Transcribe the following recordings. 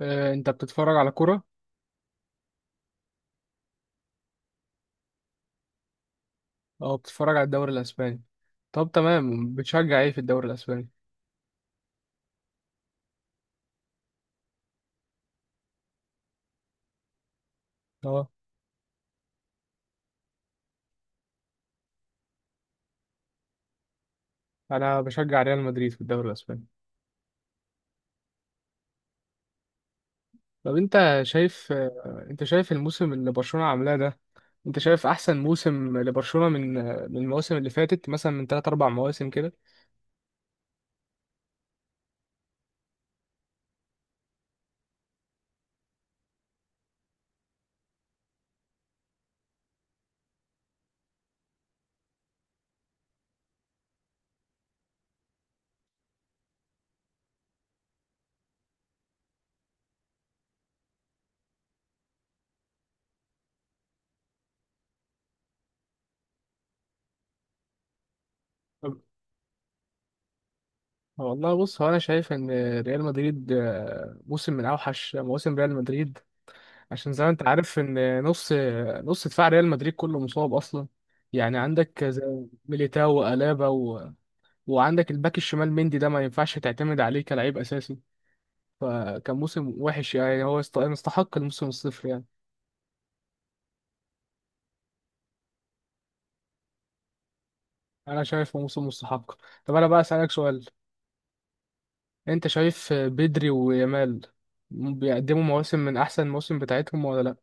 آه، انت بتتفرج على كرة؟ او بتتفرج على الدوري الاسباني؟ طب تمام، بتشجع ايه في الدوري الاسباني؟ اه، انا بشجع ريال مدريد في الدوري الاسباني. طب انت شايف الموسم اللي برشلونة عاملاه ده؟ انت شايف احسن موسم لبرشلونة من المواسم اللي فاتت، مثلا من 3 4 مواسم كده؟ طب- والله بص، هو انا شايف ان ريال مدريد موسم من اوحش مواسم ريال مدريد. عشان زي ما انت عارف ان نص دفاع ريال مدريد كله مصاب اصلا. يعني عندك زي ميليتاو وألابا وعندك الباك الشمال مندي ده ما ينفعش تعتمد عليه كلاعب اساسي. فكان موسم وحش، يعني هو يستحق الموسم الصفر يعني. انا شايفه موسم مستحق. طب انا بقى اسالك سؤال، انت شايف بدري ويامال بيقدموا مواسم من احسن المواسم بتاعتهم ولا لا؟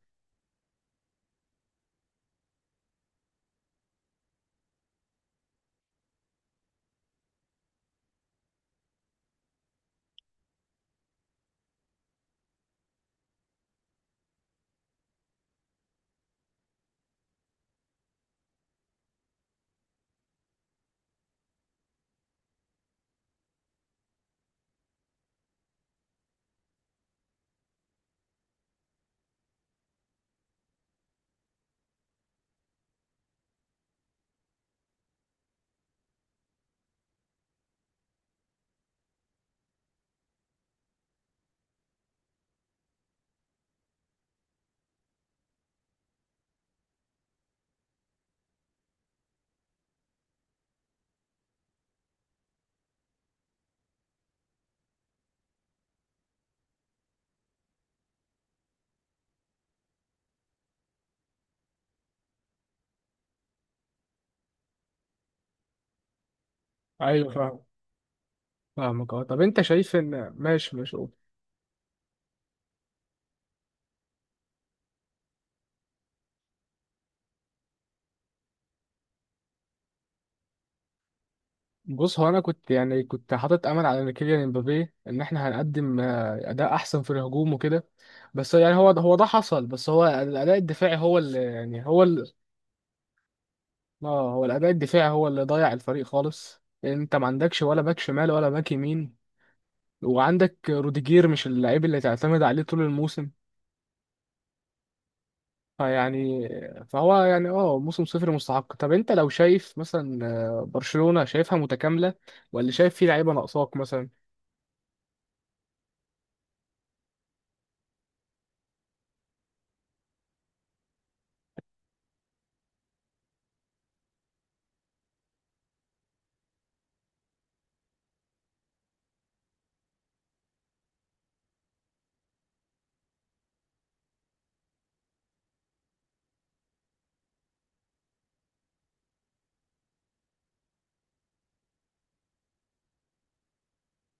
ايوه، فاهم، فاهمك، اه. طب انت شايف ان ماشي ماشي. بص، هو انا كنت يعني كنت حاطط امل على ان كيليان امبابي، ان احنا هنقدم اداء احسن في الهجوم وكده. بس يعني هو ده حصل، بس هو الاداء الدفاعي هو اللي يعني هو ال... اه هو الاداء الدفاعي هو اللي ضيع الفريق خالص. انت ما عندكش ولا باك شمال ولا باك يمين، وعندك روديجير مش اللعيب اللي تعتمد عليه طول الموسم. فيعني فهو يعني موسم صفر مستحق. طب انت لو شايف مثلا برشلونة شايفها متكاملة ولا شايف فيه لعيبة ناقصاك مثلا؟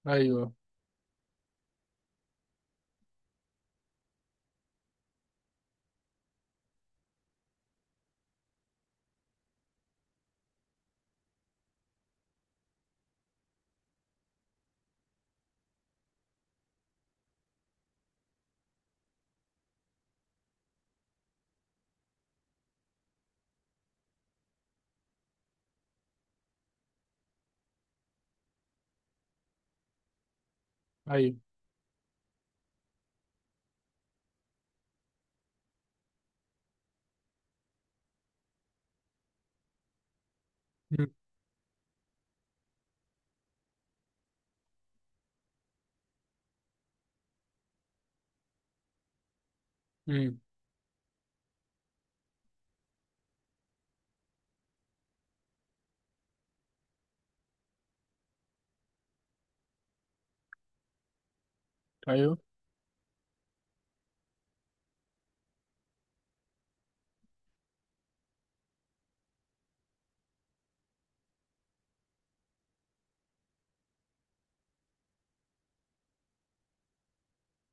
ايوه، ايوه، امم ايوه،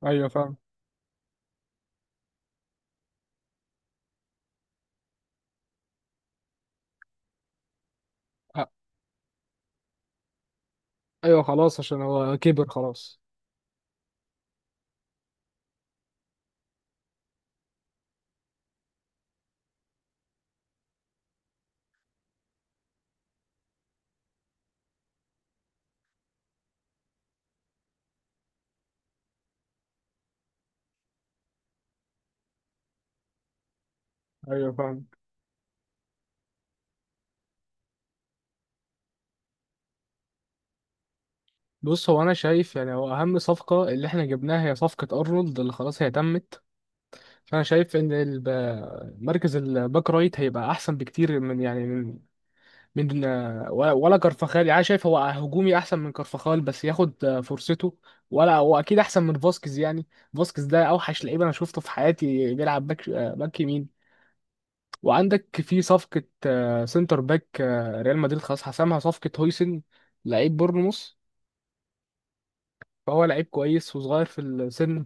ايوه، فاهم. أ- ايوه، خلاص، عشان هو كبر خلاص. ايوه، فاهم. بص، هو انا شايف يعني هو اهم صفقه اللي احنا جبناها هي صفقه ارنولد اللي خلاص هي تمت. فانا شايف ان مركز الباك رايت هيبقى احسن بكتير، من يعني من ولا كارفاخال. يعني أنا شايف هو هجومي احسن من كارفاخال، بس ياخد فرصته. ولا هو اكيد احسن من فاسكيز يعني. فاسكيز ده اوحش لعيب انا شفته في حياتي بيلعب باك يمين. وعندك في صفقة سنتر باك ريال مدريد خلاص حسمها، صفقة هويسن لعيب بورنموث. فهو لعيب كويس وصغير في السن،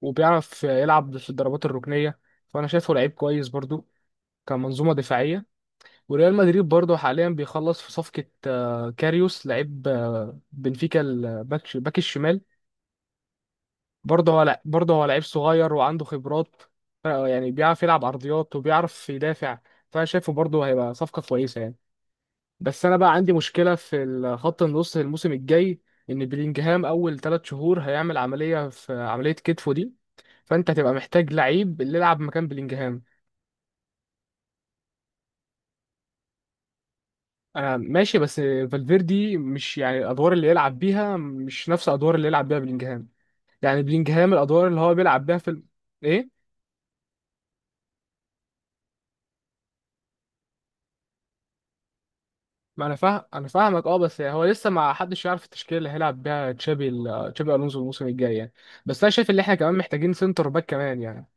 وبيعرف يلعب في الضربات الركنية. فأنا شايفه لعيب كويس برضو كمنظومة دفاعية. وريال مدريد برضو حاليا بيخلص في صفقة كاريوس، لعيب بنفيكا، باك الشمال. برضه هو لعيب صغير وعنده خبرات. يعني بيعرف يلعب عرضيات وبيعرف يدافع. فأنا شايفه برضه هيبقى صفقة كويسة يعني. بس انا بقى عندي مشكله في خط النص الموسم الجاي، ان بلينجهام اول 3 شهور هيعمل عمليه كتفه دي. فانت هتبقى محتاج لعيب اللي يلعب مكان بلينجهام. انا ماشي، بس فالفيردي مش يعني الادوار اللي يلعب بيها مش نفس الادوار اللي يلعب بيها بلينجهام. يعني بلينجهام الادوار اللي هو بيلعب بيها في. ايه، ما انا فاهم، انا فاهمك، اه. بس هو لسه ما حدش يعرف التشكيله اللي هيلعب بيها تشابي الونسو الموسم الجاي يعني. بس انا شايف ان احنا كمان محتاجين سنتر باك كمان يعني.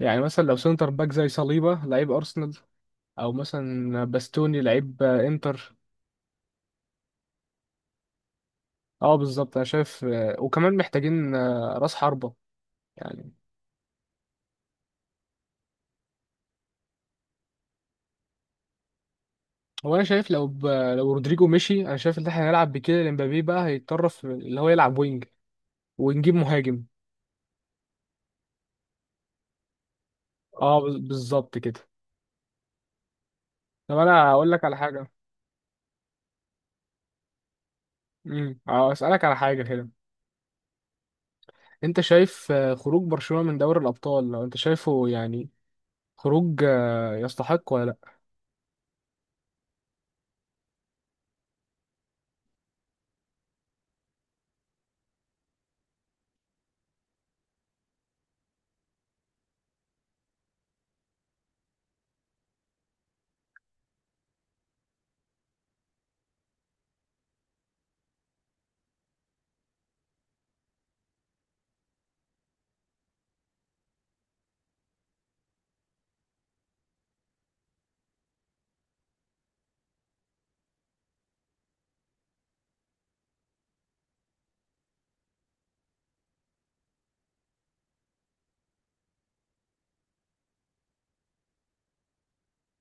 يعني مثلا لو سنتر باك زي صليبة لعيب أرسنال، أو مثلا باستوني لعيب إنتر. أه، بالظبط، أنا شايف وكمان محتاجين رأس حربة يعني. هو أنا شايف لو رودريجو مشي، أنا شايف إن إحنا هنلعب بكده إمبابي بقى هيتطرف اللي هو يلعب وينج، ونجيب مهاجم. أه، بالظبط كده. طب أنا هقول لك على حاجة. أسألك على حاجة كده، أنت شايف خروج برشلونة من دوري الأبطال لو أنت شايفه، يعني خروج يستحق ولا لأ؟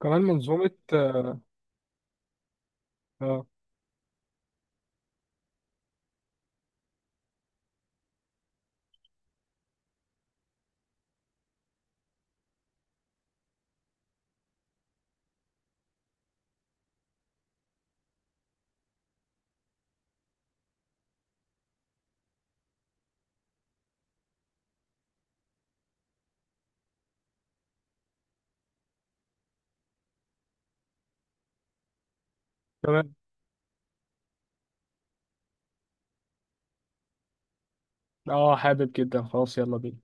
كمان منظومة. آه، تمام. اه، حابب جدا، خلاص يلا بينا.